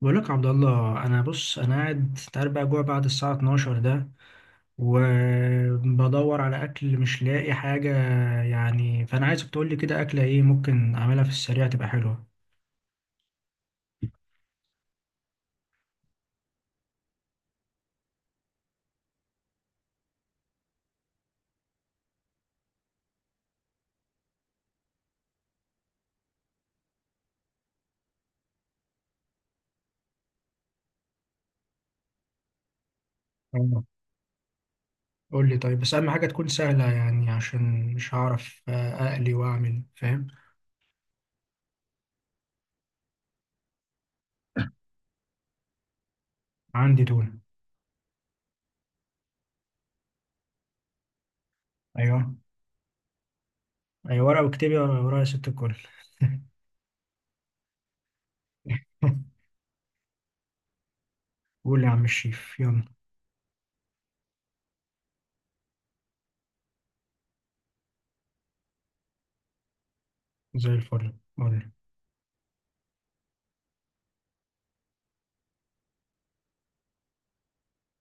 بقول لك يا عبد الله. انا قاعد، أنت عارف بقى جوع بعد الساعه 12 ده، وبدور على اكل مش لاقي حاجه. يعني فانا عايزك تقول لي كده اكله ايه ممكن اعملها في السريع تبقى حلوه. آه. قول لي طيب، بس اهم حاجه تكون سهله يعني عشان مش هعرف اقلي واعمل، فاهم؟ عندي تونه. ايوه. ايوه، ورقه واكتبي ورايا يا ست الكل. قول يا عم الشيف، يلا. زي الفل، قول لي.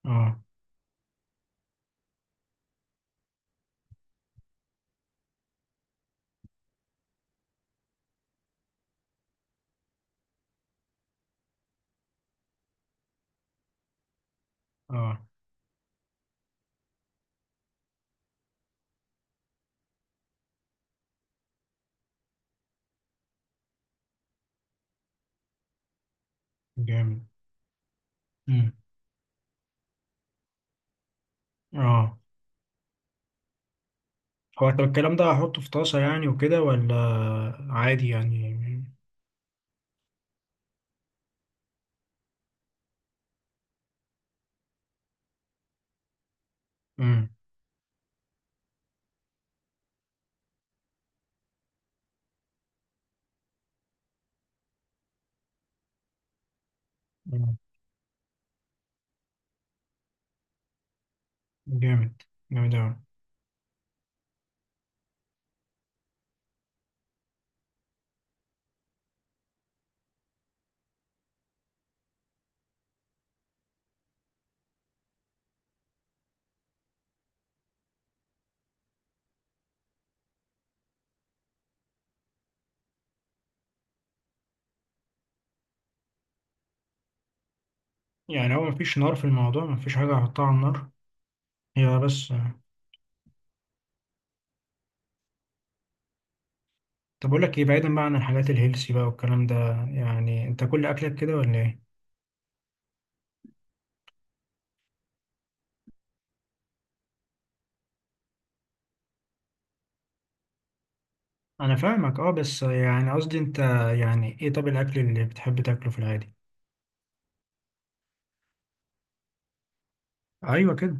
اه. اه. جامد. مم. اه. هو طب الكلام ده هحطه في طاسة يعني وكده، ولا عادي يعني؟ امم أمم. جامد. جامد أوي. يعني هو مفيش نار في الموضوع؟ مفيش حاجة هحطها على النار هي بس؟ طب أقول لك إيه، بعيدا بقى عن الحاجات الهيلسي بقى والكلام ده، يعني أنت كل أكلك كده ولا إيه؟ أنا فاهمك، أه، بس يعني قصدي أنت، يعني إيه طب الأكل اللي بتحب تاكله في العادي؟ أيوه كده.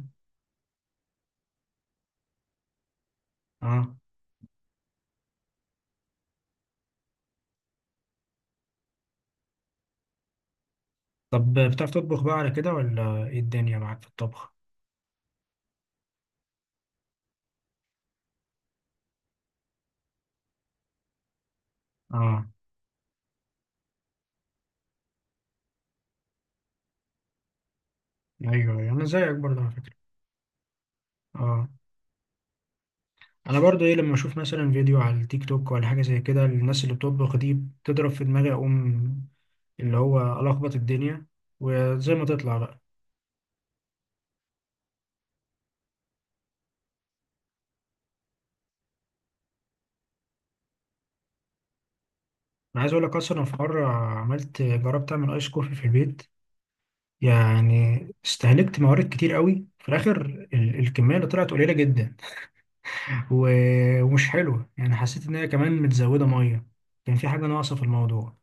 أه. طب بتعرف تطبخ بقى على كده ولا إيه الدنيا معاك في الطبخ؟ أه. أيوه أيوه، أنا زيك برضه على فكرة. أه. انا برضو ايه، لما اشوف مثلا فيديو على التيك توك ولا حاجه زي كده، الناس اللي بتطبخ دي بتضرب في دماغي، اقوم اللي هو الخبط الدنيا وزي ما تطلع بقى. انا عايز اقول لك، اصلا أنا في مره جربت اعمل ايس كوفي في البيت، يعني استهلكت موارد كتير قوي، في الاخر الكميه اللي طلعت قليله جدا. و- ومش حلوه يعني، حسيت ان هي كمان متزوده ميه، كان في حاجه ناقصه في الموضوع.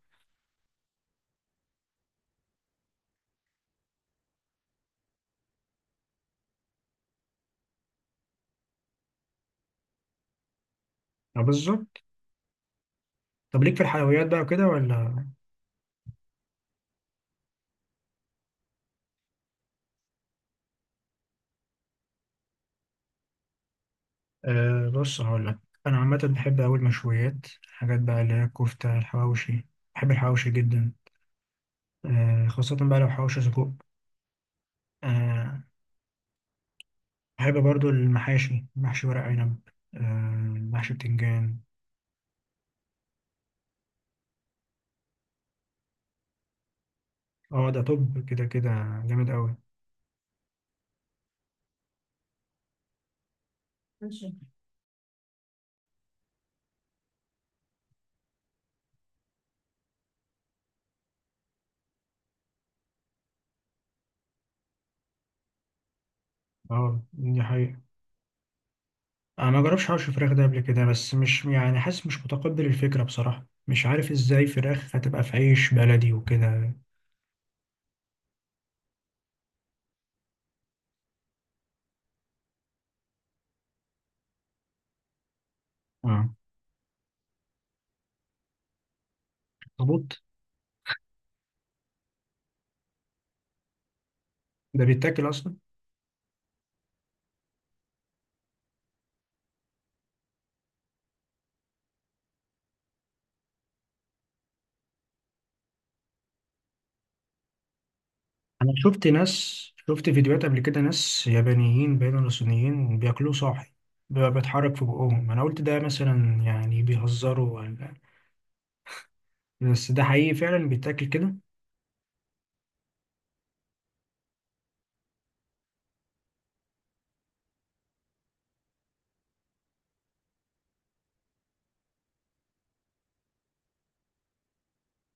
بالظبط. طب ليك في الحلويات بقى وكده ولا؟ أه بص هقول لك، انا عامه بحب أوي المشويات، الحاجات بقى اللي هي الكفته، الحواوشي. بحب الحواوشي جدا، أه، خاصه بقى لو حواوشي سجق. أه. بحب برضو المحاشي، محشي ورق عنب، أه، محشي بتنجان. اه ده طب كده كده. جامد أوي. ماشي. اه دي حقيقة. انا ما جربش حوش فراخ ده قبل كده، بس مش يعني حاسس مش متقبل الفكرة بصراحة، مش عارف ازاي فراخ هتبقى في عيش بلدي وكده. اه طبوط. ده بيتاكل اصلا؟ انا شفت ناس، شفت فيديوهات قبل كده، ناس يابانيين باين ولا صينيين بياكلوه صاحي، بيبقى بيتحرك في بقهم، انا قلت ده مثلا يعني بيهزروا ولا بس ده حقيقي فعلا بيتاكل كده.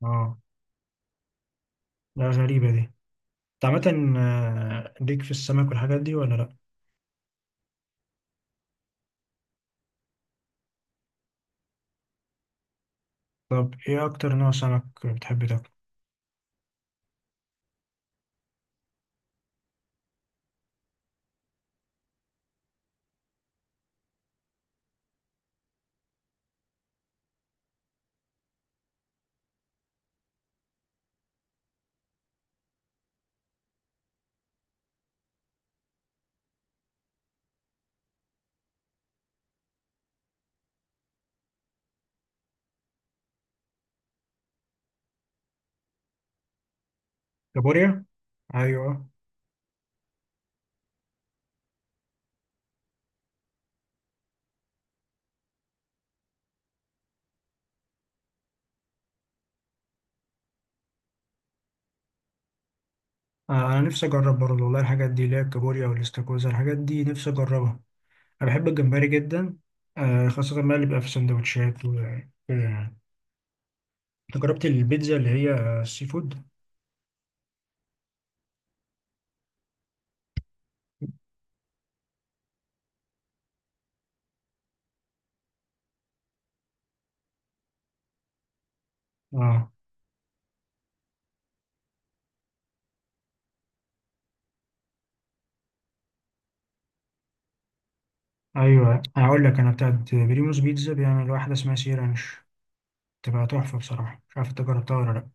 اه. لا غريبة دي. انت عامة ليك في السمك والحاجات دي ولا لا؟ طب ايه اكتر نوع سمك بتحب تاكله؟ كابوريا. ايوه. انا نفسي اجرب برضه والله، الحاجات دي اللي هي الكابوريا والاستاكوزا الحاجات دي نفسي اجربها. انا بحب الجمبري جدا، خاصة بقى اللي بيبقى في سندوتشات وكده يعني. انت جربت البيتزا اللي هي السي فود؟ اه ايوه، هقول لك، انا بتاعت بريموس بيتزا بيعمل واحده اسمها سي رانش، بتبقى تحفه بصراحه، مش عارف انت جربتها ولا لا.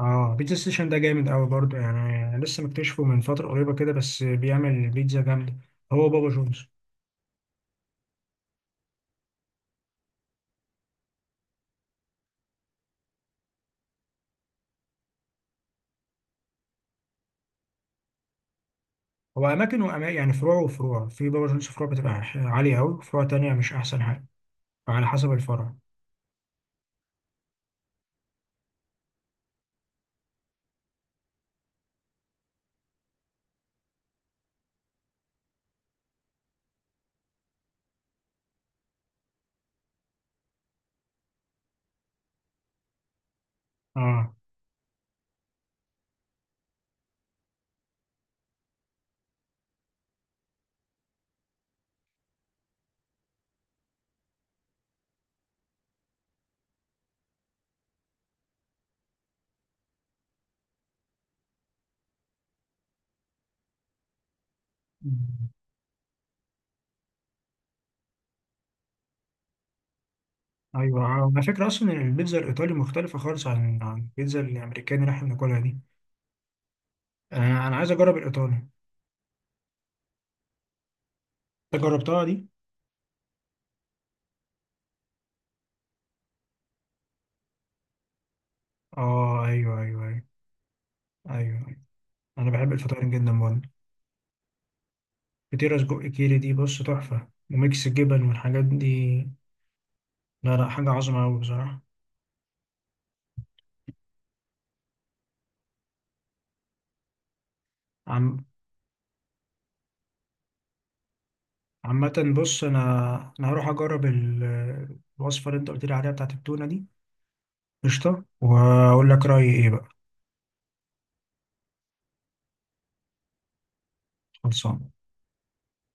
اه بيتزا ستيشن ده جامد قوي برضه، يعني لسه مكتشفه من فتره قريبه كده، بس بيعمل بيتزا جامده. هو بابا جونز، هو اماكن واماكن يعني، فروع وفروع، في بابا جونز فروع بتبقى عاليه قوي، فروع تانية مش احسن حاجه، فعلى حسب الفرع. اه ايوه، على فكره اصلا البيتزا الايطالي مختلفه خالص عن عن البيتزا الامريكاني اللي احنا بناكلها دي. انا عايز اجرب الايطالي. انت جربتها دي؟ اه ايوه ايوه ايوه. ايوه. أيوة. انا بحب الفطاير جدا برضه، فطيره سجق كيري دي بص تحفه، وميكس الجبن والحاجات دي، لا لا حاجه عظمه قوي بصراحه. عم. عامة بص أنا هروح أجرب الوصفة اللي أنت قلت لي عليها بتاعت التونة دي، قشطة، وأقول لك رأيي إيه بقى. خلصان.